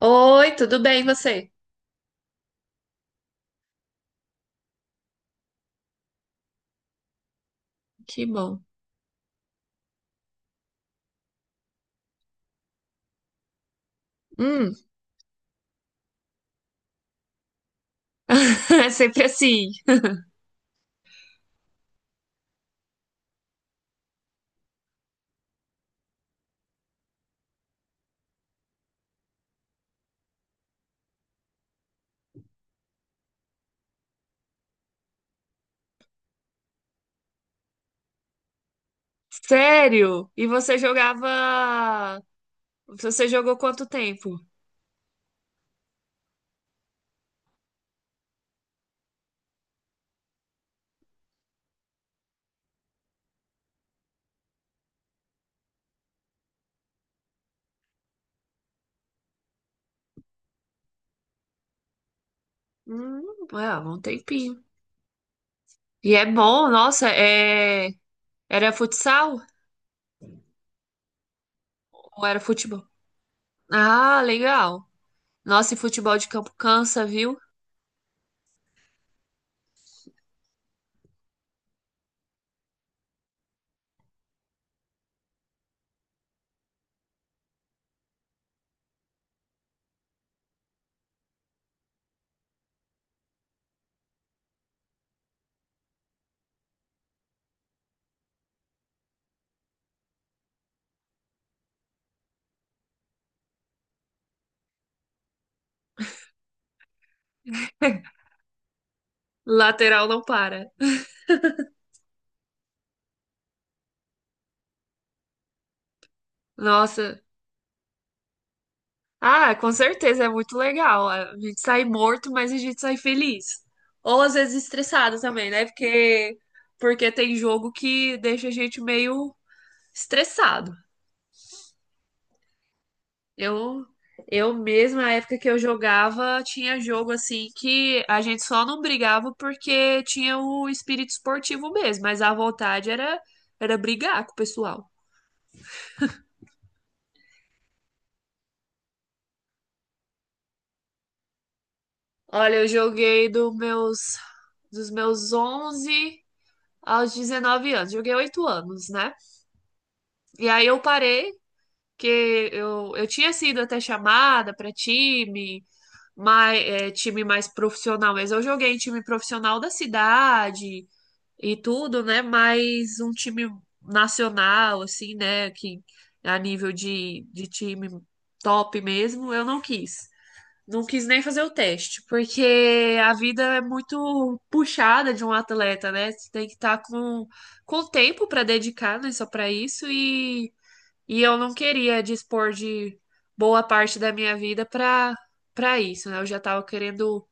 Oi, tudo bem, e você? Que bom. Hum, é sempre assim. Sério? E você jogava. Você jogou quanto tempo? Hum, é, há um tempinho. E é bom, nossa. Era futsal ou era futebol? Ah, legal. Nossa, e futebol de campo cansa, viu? Lateral não para. Nossa. Ah, com certeza, é muito legal. A gente sai morto, mas a gente sai feliz. Ou às vezes estressado também, né? Porque, porque tem jogo que deixa a gente meio estressado. Eu, eu mesma, na época que eu jogava, tinha jogo assim que a gente só não brigava porque tinha o espírito esportivo mesmo, mas a vontade era, brigar com o pessoal. Olha, eu joguei dos meus 11 aos 19 anos, joguei 8 anos, né? E aí eu parei, que eu tinha sido até chamada para time, mais, é, time mais profissional, mas eu joguei em time profissional da cidade e tudo, né? Mas um time nacional, assim, né? Que a nível de time top mesmo, eu não quis. Não quis nem fazer o teste, porque a vida é muito puxada de um atleta, né? Você tem que estar com tempo para dedicar, né? Só para isso e eu não queria dispor de boa parte da minha vida para isso, né? Eu já estava querendo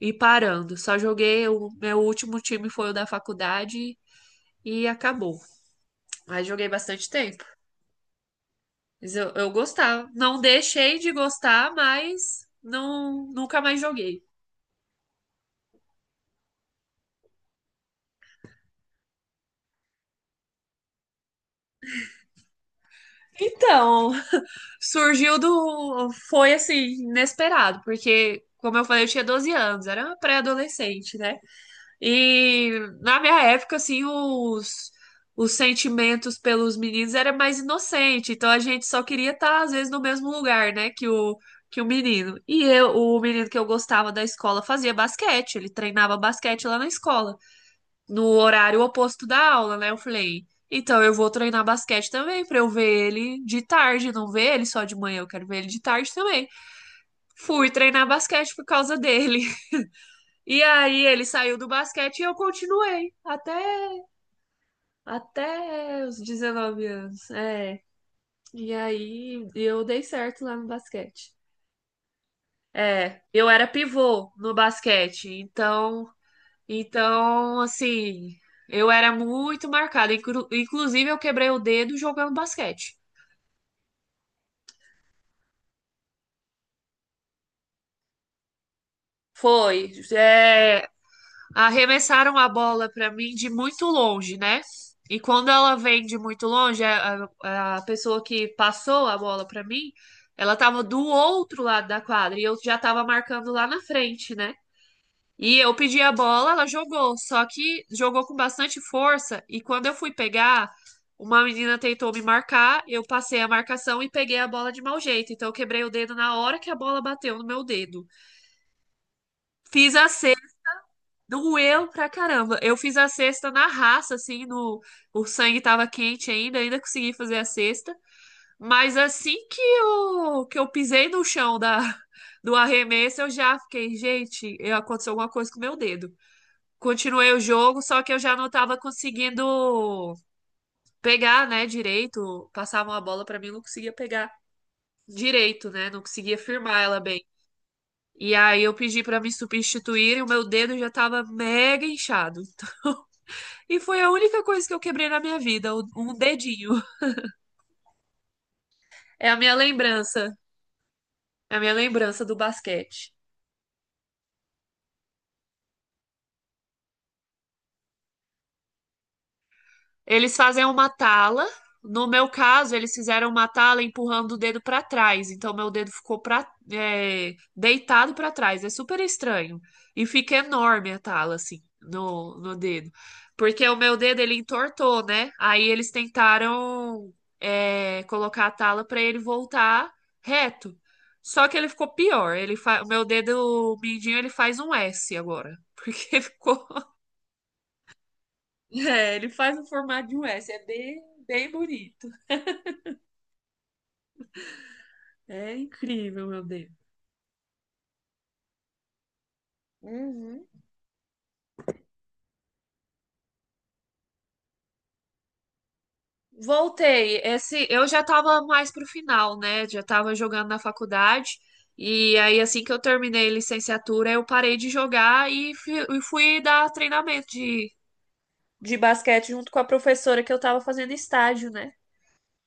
ir parando. Só joguei, o meu último time foi o da faculdade e acabou. Mas joguei bastante tempo. Mas eu gostava. Não deixei de gostar, mas não, nunca mais joguei. Então, surgiu do. Foi assim, inesperado, porque, como eu falei, eu tinha 12 anos, era uma pré-adolescente, né? E na minha época, assim, os, sentimentos pelos meninos era mais inocente. Então a gente só queria estar, às vezes, no mesmo lugar, né, que o menino. E eu, o menino que eu gostava da escola fazia basquete. Ele treinava basquete lá na escola, no horário oposto da aula, né? Eu falei, então eu vou treinar basquete também, pra eu ver ele de tarde, não ver ele só de manhã, eu quero ver ele de tarde também. Fui treinar basquete por causa dele. E aí ele saiu do basquete e eu continuei até os 19 anos. É. E aí eu dei certo lá no basquete. É, eu era pivô no basquete, então assim, eu era muito marcada. Inclusive, eu quebrei o dedo jogando basquete. Foi. É, arremessaram a bola para mim de muito longe, né? E quando ela vem de muito longe, a pessoa que passou a bola para mim, ela tava do outro lado da quadra e eu já tava marcando lá na frente, né? E eu pedi a bola, ela jogou, só que jogou com bastante força e quando eu fui pegar, uma menina tentou me marcar, eu passei a marcação e peguei a bola de mau jeito, então eu quebrei o dedo na hora que a bola bateu no meu dedo. Fiz a Doeu pra caramba. Eu fiz a cesta na raça, assim, no... o sangue tava quente ainda, ainda consegui fazer a cesta. Mas assim que eu pisei no chão da... do arremesso, eu já fiquei, gente, aconteceu alguma coisa com o meu dedo. Continuei o jogo, só que eu já não tava conseguindo pegar, né, direito. Passava uma bola pra mim, eu não conseguia pegar direito, né? Não conseguia firmar ela bem. E aí eu pedi pra me substituir e o meu dedo já tava mega inchado. E foi a única coisa que eu quebrei na minha vida, um dedinho. É a minha lembrança. É a minha lembrança do basquete. Eles fazem uma tala. No meu caso, eles fizeram uma tala empurrando o dedo para trás. Então, meu dedo ficou pra, é, deitado para trás. É super estranho. E fica enorme a tala, assim, no, dedo. Porque o meu dedo, ele entortou, né? Aí eles tentaram, é, colocar a tala para ele voltar reto. Só que ele ficou pior. O meu dedo mindinho, ele faz um S agora. Porque ficou é, ele faz o formato de um S, é bem, bem bonito. É incrível, meu Deus. Uhum. Voltei. Esse, eu já tava mais pro final, né? Já tava jogando na faculdade. E aí, assim que eu terminei a licenciatura, eu parei de jogar e fui dar treinamento de basquete junto com a professora que eu tava fazendo estágio, né?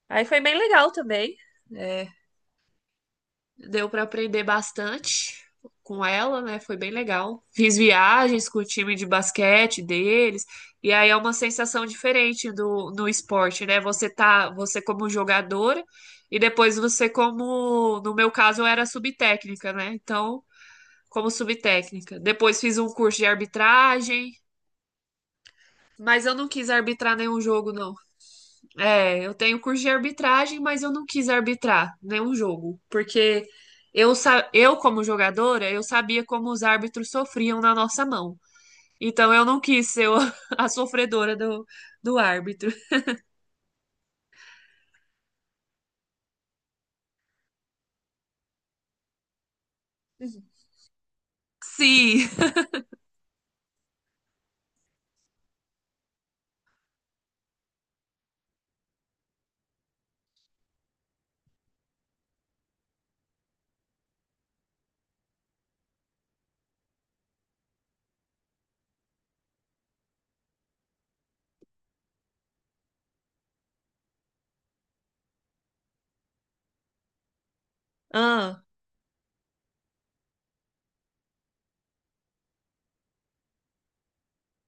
Aí foi bem legal também. É, deu para aprender bastante com ela, né? Foi bem legal. Fiz viagens com o time de basquete deles, e aí é uma sensação diferente do no esporte, né? Você tá, você como jogadora e depois você como, no meu caso, eu era subtécnica, né? Então, como subtécnica. Depois fiz um curso de arbitragem, mas eu não quis arbitrar nenhum jogo, não. É, eu tenho curso de arbitragem, mas eu não quis arbitrar nenhum jogo, porque eu como jogadora, eu sabia como os árbitros sofriam na nossa mão. Então eu não quis ser a sofredora do árbitro. Sim. Ah,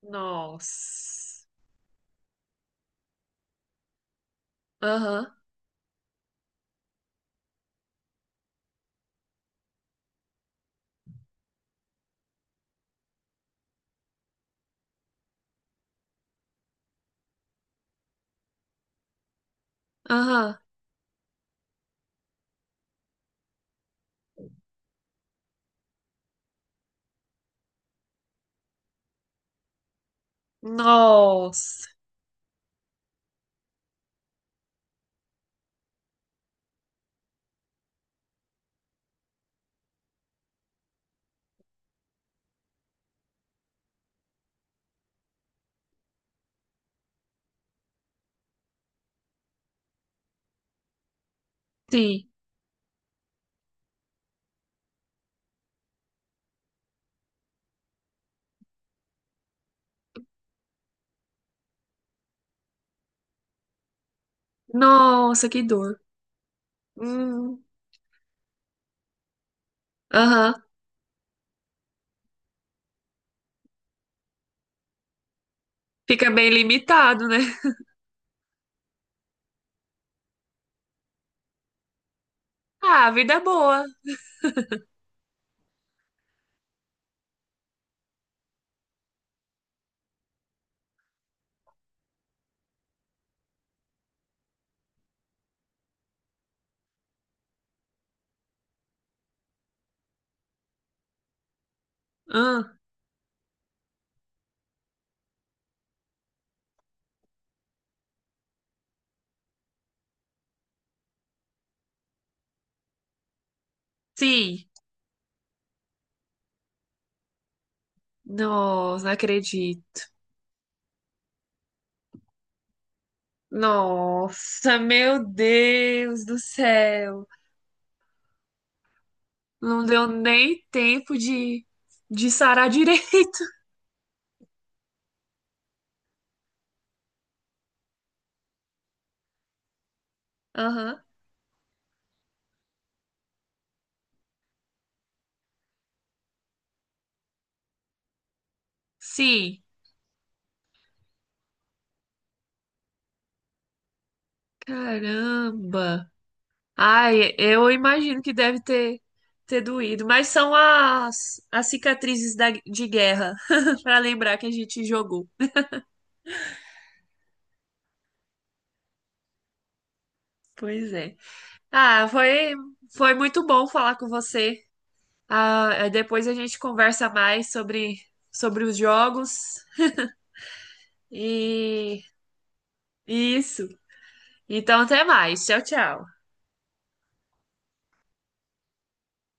nossa. Aham, aham. Nossa. Sim. Nossa, que dor. Hum, Aham. Fica bem limitado, né? Ah, vida é boa. Ah, sim. Nossa, não acredito. Nossa, meu Deus do céu. Não deu nem tempo de sarar direito. Aham. Sim. Caramba. Ai, eu imagino que deve ter, ter doído. Mas são as, cicatrizes da, de guerra, para lembrar que a gente jogou. Pois é. Ah, foi, foi muito bom falar com você. Ah, depois a gente conversa mais sobre, os jogos. E isso. Então, até mais. Tchau, tchau.